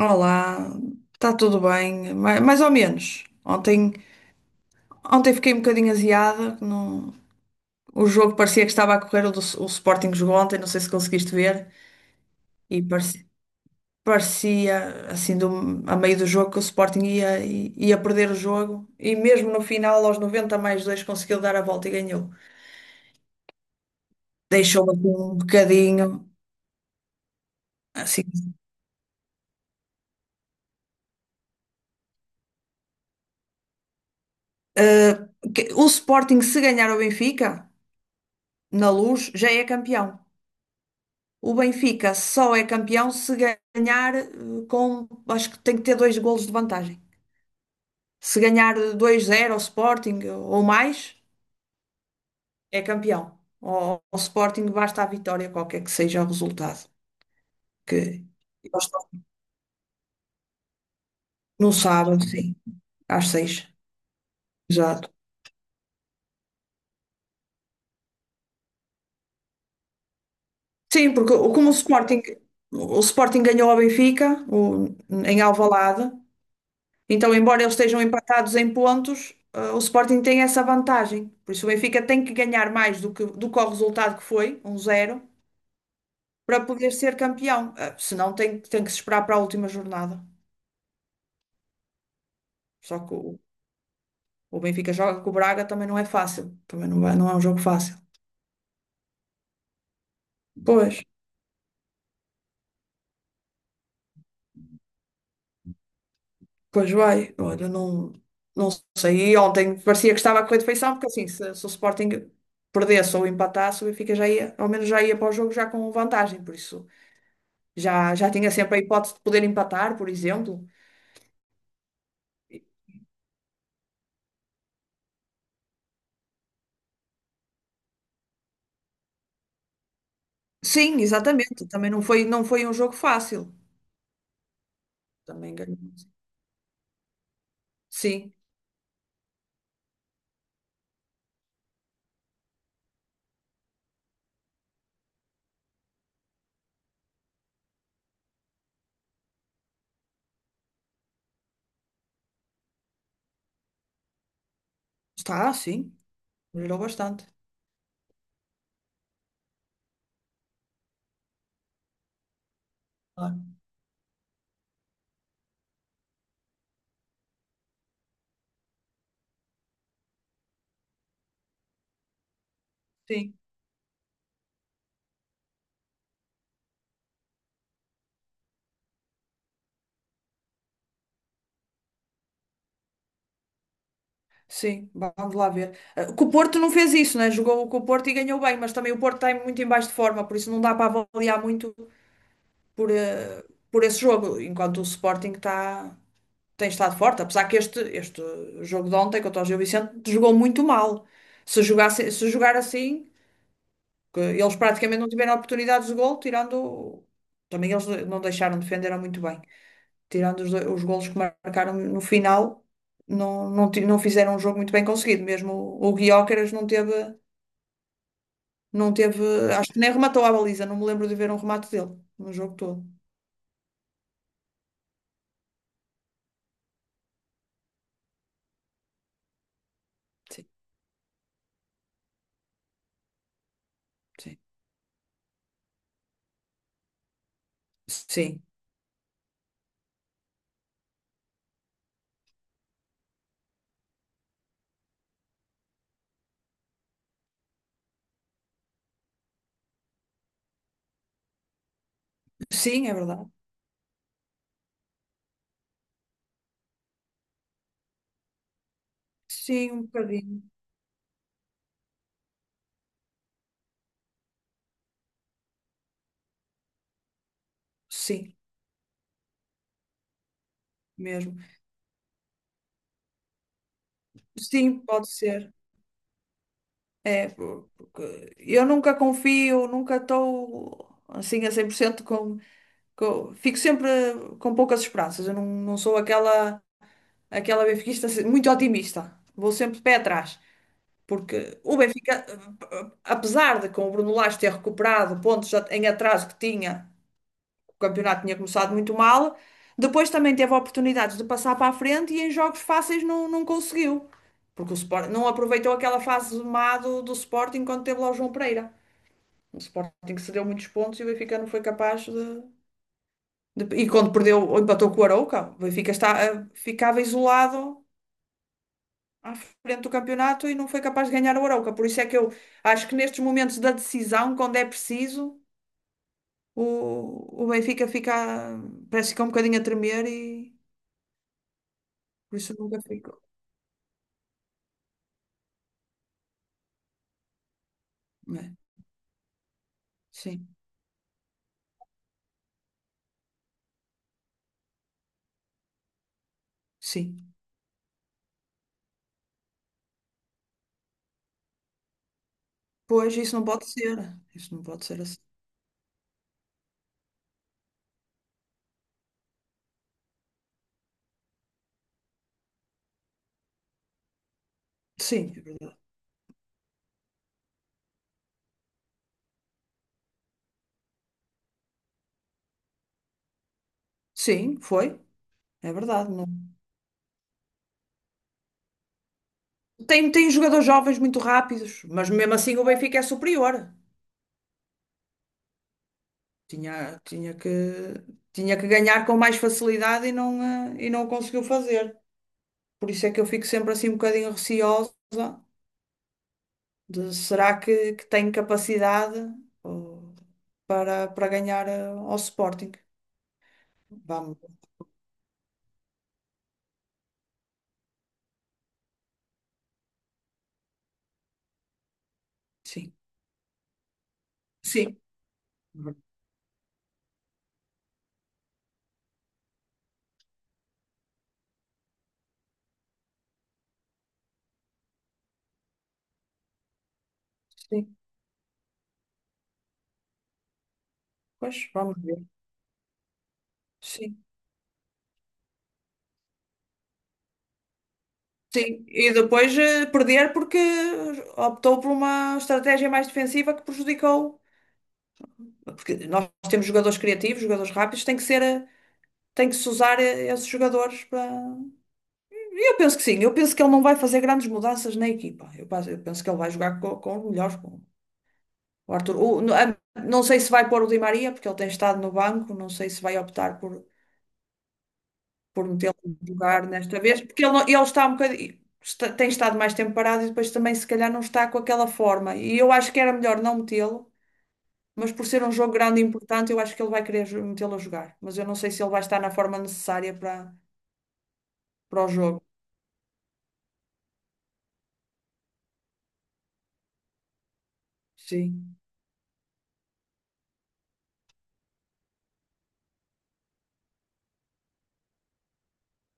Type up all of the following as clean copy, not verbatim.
Olá, está tudo bem, mais ou menos. Ontem fiquei um bocadinho aziada, o jogo parecia que estava a correr, o Sporting jogou ontem, não sei se conseguiste ver, e parecia assim, a meio do jogo, que o Sporting ia perder o jogo, e mesmo no final, aos 90 mais 2 conseguiu dar a volta e ganhou. Deixou-me aqui um bocadinho, assim. O Sporting se ganhar o Benfica, na Luz, já é campeão. O Benfica só é campeão se ganhar acho que tem que ter dois golos de vantagem. Se ganhar 2 zero ao Sporting ou mais, é campeão. Ao Sporting basta a vitória, qualquer que seja o resultado. Que eles estão no sábado, sim, às seis. Exato. Sim, porque como o Sporting ganhou ao Benfica, em Alvalade. Então, embora eles estejam empatados em pontos, o Sporting tem essa vantagem. Por isso, o Benfica tem que ganhar mais do que o resultado que foi, 1-0 para poder ser campeão. Senão, tem que se esperar para a última jornada. Só que o Benfica joga com o Braga também não é fácil. Também não, não é um jogo fácil. Pois, pois vai. Olha, não, não sei. E ontem parecia que estava com a correr de feição porque assim, se o Sporting perdesse ou empatasse, o Benfica já ia, ao menos já ia para o jogo já com vantagem. Por isso. Já tinha sempre a hipótese de poder empatar, por exemplo. Sim, exatamente. Também não foi um jogo fácil. Também ganhou. Sim, está, sim. Melhorou bastante. Claro. Sim, sim. Vamos lá ver. Ah, que o Porto não fez isso, né? Jogou com o Porto e ganhou bem, mas também o Porto está muito em baixo de forma, por isso não dá para avaliar muito por, eh, por esse jogo, enquanto o Sporting está, tem estado forte. Apesar que este jogo de ontem contra o Gil Vicente jogou muito mal. Se jogasse, se jogar assim. Que eles praticamente não tiveram oportunidades de gol, tirando. Também eles não deixaram, defenderam muito bem. Tirando os golos que marcaram no final, não não fizeram um jogo muito bem conseguido. Mesmo o Gyökeres não teve, não teve. Acho que nem rematou a baliza, não me lembro de ver um remate dele no jogo todo. Sim, sim. Sim, sim, é verdade. Sim, um bocadinho. Sim, mesmo. Sim, pode ser. É, porque eu nunca confio, nunca estou assim a 100% que eu fico sempre com poucas esperanças. Eu não sou aquela benfiquista assim, muito otimista. Vou sempre de pé atrás. Porque o Benfica, apesar de com o Bruno Lage ter recuperado pontos em atraso que tinha, o campeonato tinha começado muito mal, depois também teve oportunidades de passar para a frente e em jogos fáceis não conseguiu. Porque o Sporting não aproveitou aquela fase má do Sporting quando teve lá o João Pereira. O Sporting que cedeu muitos pontos e o Benfica não foi capaz de. E quando perdeu, ou empatou com o Arouca, o Benfica está, ficava isolado à frente do campeonato e não foi capaz de ganhar o Arouca. Por isso é que eu acho que nestes momentos da decisão, quando é preciso, o Benfica parece que fica um bocadinho a tremer e por isso nunca ficou. Né? Sim, sim. Pois isso não pode ser. Isso não pode ser assim. Sim, é verdade. Sim, foi. É verdade. Não. Tem jogadores jovens muito rápidos, mas mesmo assim o Benfica é superior. Tinha, tinha que, tinha que ganhar com mais facilidade e não o conseguiu fazer. Por isso é que eu fico sempre assim um bocadinho receosa de será que tem capacidade, oh, para ganhar ao Sporting? Vamos, sim. Sim. Sim, pois, vamos ver. Sim. Sim, e depois perder porque optou por uma estratégia mais defensiva que prejudicou. Porque nós temos jogadores criativos, jogadores rápidos, tem que ser. Tem que se usar esses jogadores para. E eu penso que sim, Eu penso, que ele não vai fazer grandes mudanças na equipa. eu penso que ele vai jogar com os melhores, com o Arthur. Não sei se vai pôr o Di Maria, porque ele tem estado no banco, não sei se vai optar por metê-lo a jogar nesta vez, porque ele, não- ele está um bocadinho. Tem estado mais tempo parado e depois também, se calhar, não está com aquela forma. E eu acho que era melhor não metê-lo, mas por ser um jogo grande e importante, eu acho que ele vai querer metê-lo a jogar. Mas eu não sei se ele vai estar na forma necessária para, o jogo. Sim.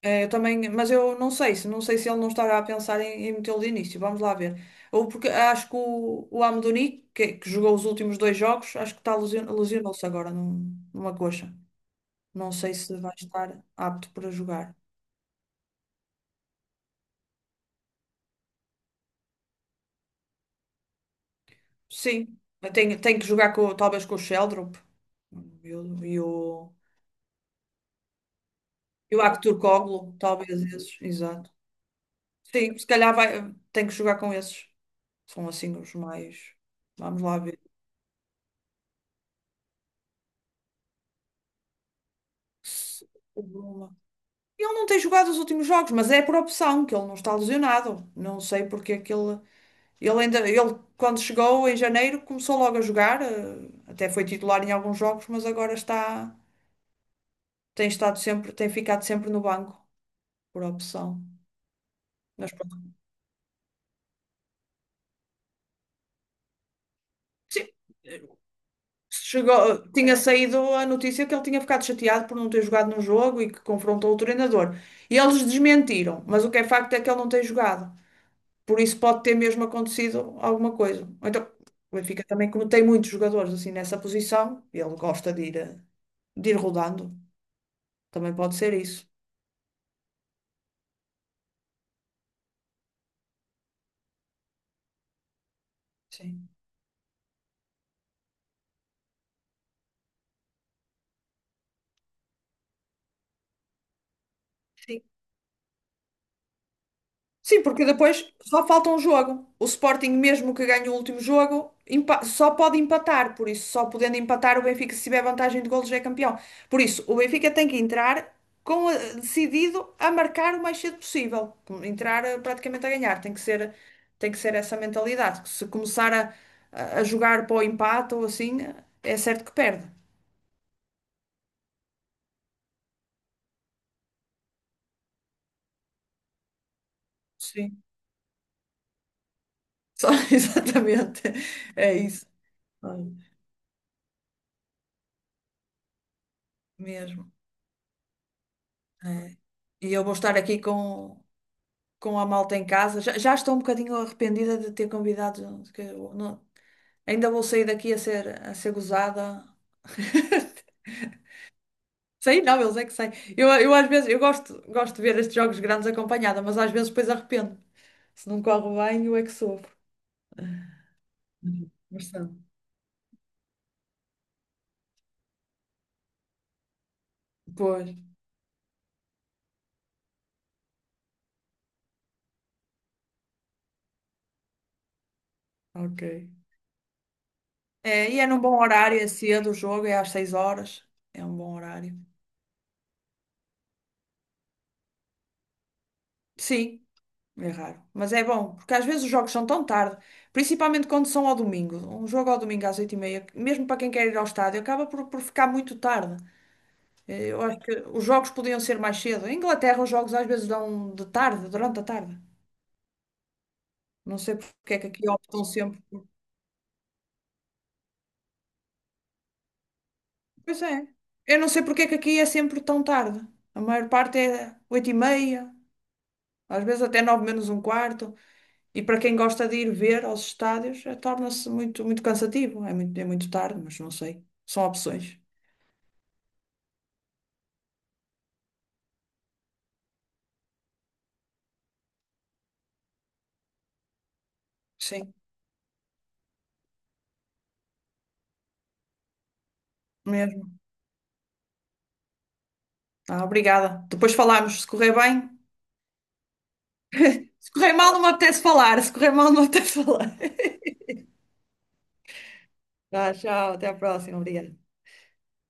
É, eu também, mas eu não sei se ele não estará a pensar em metê-lo de início. Vamos lá ver. Ou porque acho que o Amdouni, que jogou os últimos dois jogos, acho que está lesionou-se agora numa coxa. Não sei se vai estar apto para jogar. Sim, tem que jogar com, talvez com o Sheldrup e o, e o, e o Aktürkoğlu, talvez esses, exato. Sim, se calhar vai, tem que jogar com esses. São assim os mais. Vamos lá ver. Ele não tem jogado os últimos jogos, mas é por opção que ele não está lesionado. Não sei porque é que ele quando chegou em janeiro começou logo a jogar, até foi titular em alguns jogos, mas agora está, tem estado sempre, tem ficado sempre no banco por opção. Mas pronto. Sim, eh, chegou, tinha saído a notícia que ele tinha ficado chateado por não ter jogado no jogo e que confrontou o treinador. E eles desmentiram, mas o que é facto é que ele não tem jogado. Por isso pode ter mesmo acontecido alguma coisa. Ou então, o Benfica também, como tem muitos jogadores assim nessa posição, ele gosta de ir, de ir rodando. Também pode ser isso. Sim. Sim, porque depois só falta um jogo. O Sporting, mesmo que ganhe o último jogo, só pode empatar. Por isso, só podendo empatar, o Benfica, se tiver vantagem de golos, já é campeão. Por isso, o Benfica tem que entrar decidido a marcar o mais cedo possível. Entrar praticamente a ganhar. Tem que ser essa mentalidade. Se começar a, a jogar para o empate ou assim, é certo que perde. Sim, só, exatamente. É isso. Ai, mesmo. É. E eu vou estar aqui Com. A malta em casa. Já estou um bocadinho arrependida de ter convidado. Que eu não- Ainda vou sair daqui a ser gozada. Sei, não, eles é que sei. Eu às vezes eu gosto de ver estes jogos grandes acompanhada, mas às vezes depois arrependo. Se não corre bem, eu é que sofro. Uhum. Mas são. Pois, ok. É, e é num bom horário, é cedo o jogo, é às 6 horas. É um bom horário. Sim. É raro. Mas é bom, porque às vezes os jogos são tão tarde, principalmente quando são ao domingo. Um jogo ao domingo às oito e meia, mesmo para quem quer ir ao estádio, acaba por ficar muito tarde. Eu acho que os jogos podiam ser mais cedo. Em Inglaterra, os jogos às vezes dão de tarde, durante a tarde. Não sei porque é que aqui optam sempre. Pois é. Eu não sei porque é que aqui é sempre tão tarde. A maior parte é oito e meia, às vezes até 9 menos um quarto. E para quem gosta de ir ver aos estádios, torna-se muito, muito cansativo. É muito tarde, mas não sei. São opções. Sim, mesmo. Ah, obrigada. Depois falamos, se correr bem. Se correr mal, não me apetece falar. Se correr mal, não me apetece falar. Tá, tchau, até à próxima. Obrigada.